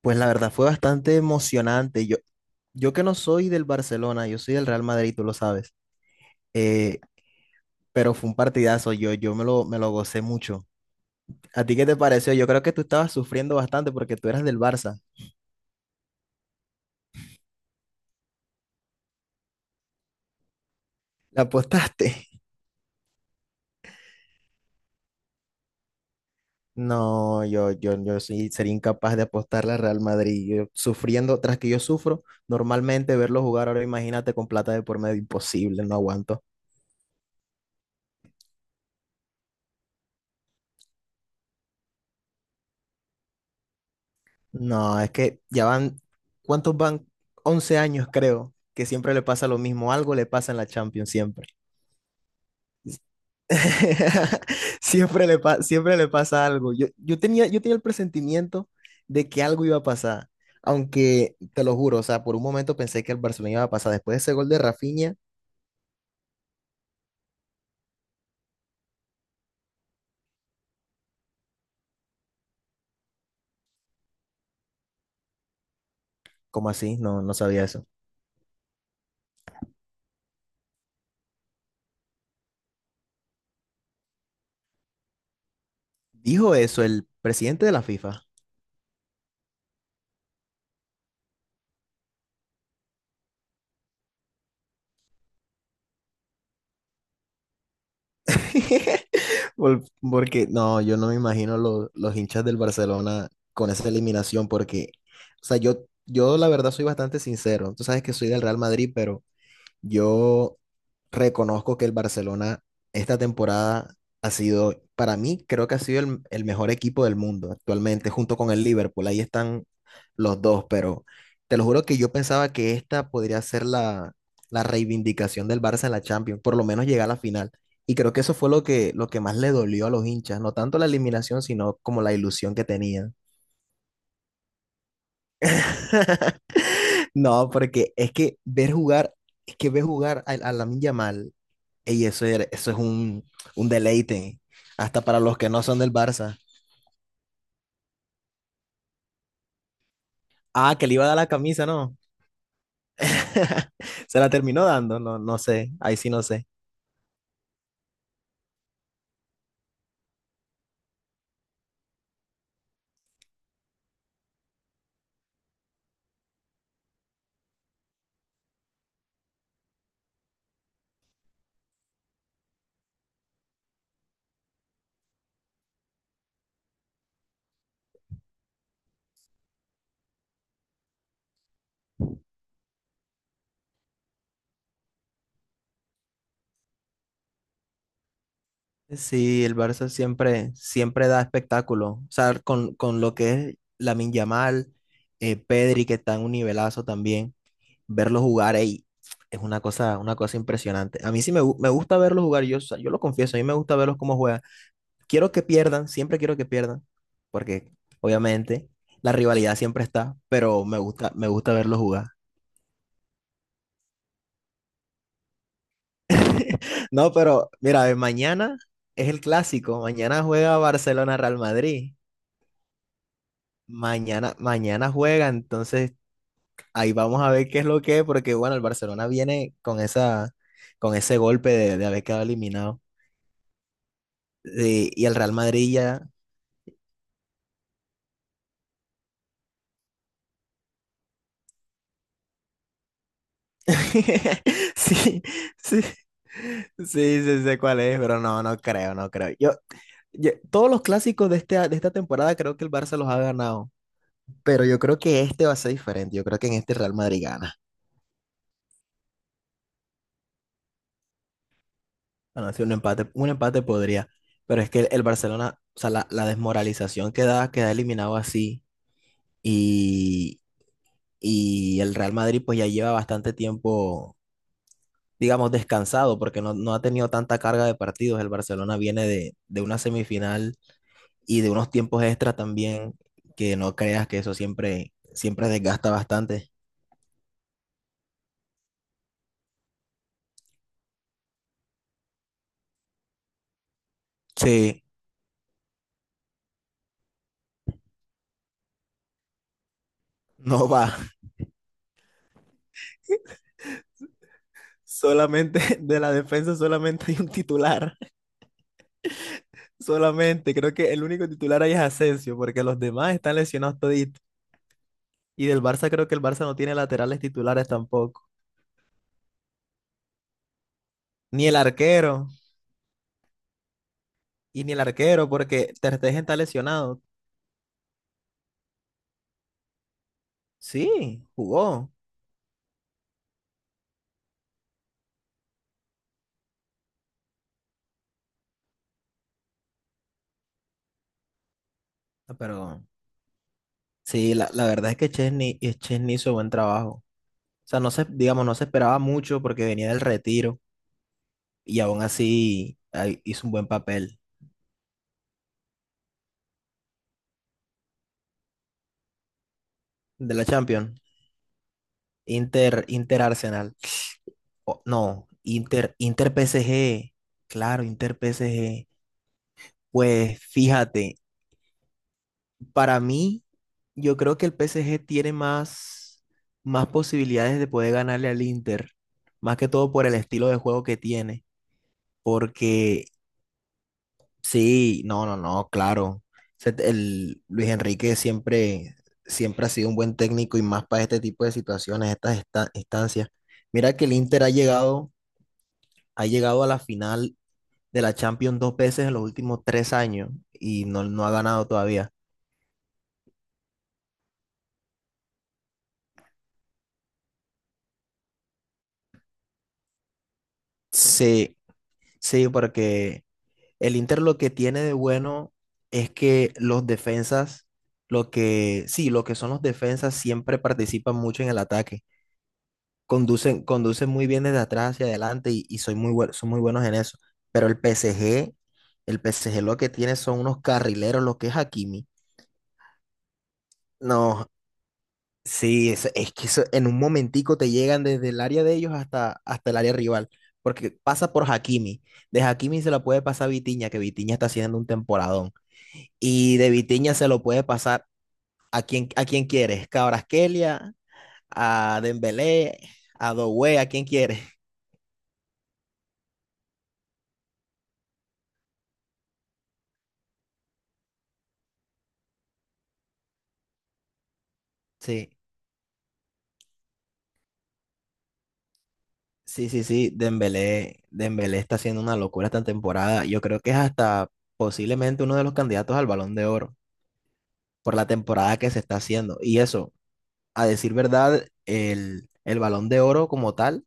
Pues la verdad fue bastante emocionante. Yo que no soy del Barcelona, yo soy del Real Madrid, tú lo sabes. Eh, pero fue un partidazo, yo, yo me lo gocé mucho. ¿A ti qué te pareció? Yo creo que tú estabas sufriendo bastante porque tú eras del Barça. ¿La apostaste? No, yo sí sería incapaz de apostarle al Real Madrid. Yo sufriendo, tras que yo sufro, normalmente verlo jugar ahora, imagínate con plata de por medio, imposible, no aguanto. No, es que ya van, ¿cuántos van? 11 años creo, que siempre le pasa lo mismo, algo le pasa en la Champions siempre. Siempre le pasa algo. Yo, yo tenía el presentimiento de que algo iba a pasar, aunque te lo juro, o sea, por un momento pensé que el Barcelona iba a pasar después de ese gol de Rafinha. ¿Cómo así? No, no sabía eso. Dijo eso el presidente de la FIFA. Por- Porque no, yo no me imagino los hinchas del Barcelona con esa eliminación, porque, o sea, yo la verdad soy bastante sincero. Tú sabes que soy del Real Madrid, pero yo reconozco que el Barcelona esta temporada ha sido, para mí, creo que ha sido el mejor equipo del mundo actualmente, junto con el Liverpool. Ahí están los dos, pero te lo juro que yo pensaba que esta podría ser la reivindicación del Barça en la Champions, por lo menos llegar a la final. Y creo que eso fue lo que más le dolió a los hinchas, no tanto la eliminación, sino como la ilusión que tenían. No, porque es que ver jugar a Lamine Yamal y eso, eso es un deleite, hasta para los que no son del Barça. Ah, que le iba a dar la camisa, ¿no? Se la terminó dando, no, no sé, ahí sí no sé. Sí, el Barça siempre, siempre da espectáculo. O sea, con lo que es Lamine Yamal, Pedri, que está en un nivelazo también, verlos jugar ahí es una cosa impresionante. A mí sí me, me gusta verlos jugar, yo, o sea, yo lo confieso, a mí me gusta verlos cómo juegan. Quiero que pierdan, siempre quiero que pierdan, porque obviamente la rivalidad siempre está, pero me gusta verlo jugar. No, pero mira, mañana es el clásico, mañana juega Barcelona Real Madrid. Mañana, mañana juega, entonces ahí vamos a ver qué es lo que es, porque bueno, el Barcelona viene con esa, con ese golpe de haber quedado eliminado. Sí, y el Real Madrid ya. Sí, sí. Sí, sí sé cuál es, pero no, no creo, no creo. Todos los clásicos de, este, de esta temporada creo que el Barça los ha ganado, pero yo creo que este va a ser diferente. Yo creo que en este el Real Madrid gana. Bueno, sí, un empate podría, pero es que el Barcelona, o sea, la desmoralización que da, queda eliminado así y, y el Real Madrid pues ya lleva bastante tiempo, digamos, descansado porque no, no ha tenido tanta carga de partidos. El Barcelona viene de una semifinal y de unos tiempos extra también, que no creas que eso siempre, siempre desgasta bastante. Sí, no va. Solamente de la defensa solamente hay un titular. Solamente. Creo que el único titular ahí es Asensio, porque los demás están lesionados toditos. Y del Barça creo que el Barça no tiene laterales titulares tampoco. Ni el arquero. Y ni el arquero, porque Ter Stegen está lesionado. Sí, jugó. Ah, pero sí, la verdad es que Chesney, y Chesney hizo buen trabajo. O sea, no se, digamos, no se esperaba mucho porque venía del retiro. Y aún así ahí hizo un buen papel de la Champions. Inter, Inter Arsenal. No, Inter, Inter PSG. Claro, Inter PSG. Pues fíjate, para mí, yo creo que el PSG tiene más, más posibilidades de poder ganarle al Inter. Más que todo por el estilo de juego que tiene. Porque sí, no, no, no, claro. El Luis Enrique siempre, siempre ha sido un buen técnico y más para este tipo de situaciones, instancias. Mira que el Inter ha llegado, ha llegado a la final de la Champions dos veces en los últimos 3 años y no, no ha ganado todavía. Sí, sí, porque el Inter lo que tiene de bueno es que los defensas, lo que, sí, lo que son los defensas siempre participan mucho en el ataque. Conducen, conducen muy bien desde atrás hacia adelante y son muy buenos en eso. Pero el PSG, el PSG lo que tiene son unos carrileros, lo que es Hakimi. No, sí, es que eso, en un momentico te llegan desde el área de ellos hasta, hasta el área rival, porque pasa por Hakimi. De Hakimi se la puede pasar a Vitinha, que Vitinha está haciendo un temporadón. Y de Vitinha se lo puede pasar a quien quieres, Cabrasquelia, a Dembélé, a Doué, a quien quieres. Sí, sí, sí, sí, Dembélé, Dembélé está haciendo una locura esta temporada. Yo creo que es hasta posiblemente uno de los candidatos al Balón de Oro por la temporada que se está haciendo. Y eso a decir verdad, el Balón de Oro como tal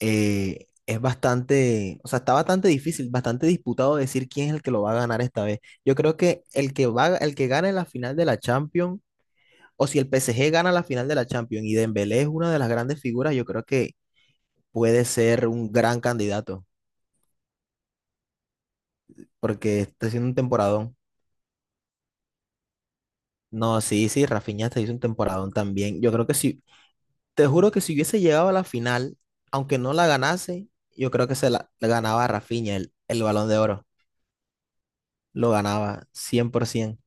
es bastante, o sea, está bastante difícil, bastante disputado decir quién es el que lo va a ganar esta vez. Yo creo que el que va, el que gane la final de la Champions, o si el PSG gana la final de la Champions y Dembélé es una de las grandes figuras, yo creo que puede ser un gran candidato, porque está haciendo un temporadón. No, sí, sí, Rafinha está hizo un temporadón también. Yo creo que si Te juro que si hubiese llegado a la final, aunque no la ganase, yo creo que se la ganaba a Rafinha el Balón de Oro. Lo ganaba 100%.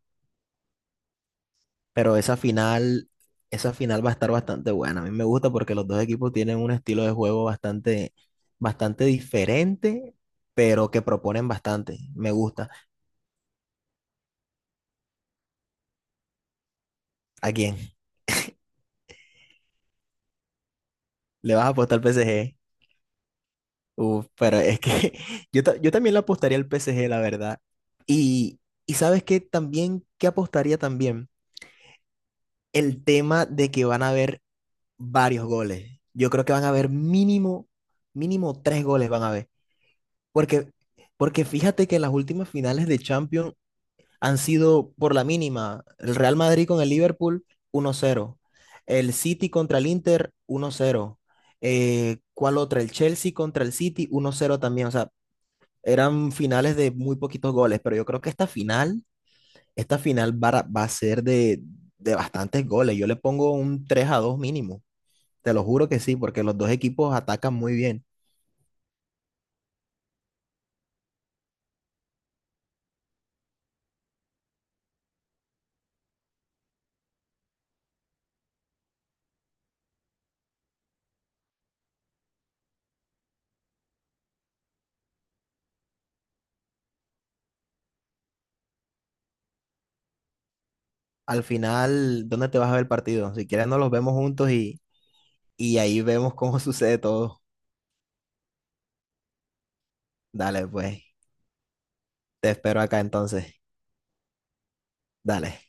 Pero esa final va a estar bastante buena. A mí me gusta porque los dos equipos tienen un estilo de juego bastante, bastante diferente, pero que proponen bastante. Me gusta. ¿A quién? ¿Le vas a apostar al PSG? Uf, pero es que yo, yo también le apostaría al PSG, la verdad. Y, y ¿sabes qué? También, ¿qué apostaría también? El tema de que van a haber varios goles. Yo creo que van a haber mínimo, mínimo tres goles van a haber. Porque, porque fíjate que las últimas finales de Champions han sido por la mínima. El Real Madrid con el Liverpool, 1-0. El City contra el Inter, 1-0. ¿Cuál otra? El Chelsea contra el City, 1-0 también. O sea, eran finales de muy poquitos goles, pero yo creo que esta final, esta final va a, va a ser de bastantes goles. Yo le pongo un 3-2 mínimo. Te lo juro que sí, porque los dos equipos atacan muy bien. Al final, ¿dónde te vas a ver el partido? Si quieres, nos los vemos juntos y ahí vemos cómo sucede todo. Dale, pues. Te espero acá entonces. Dale.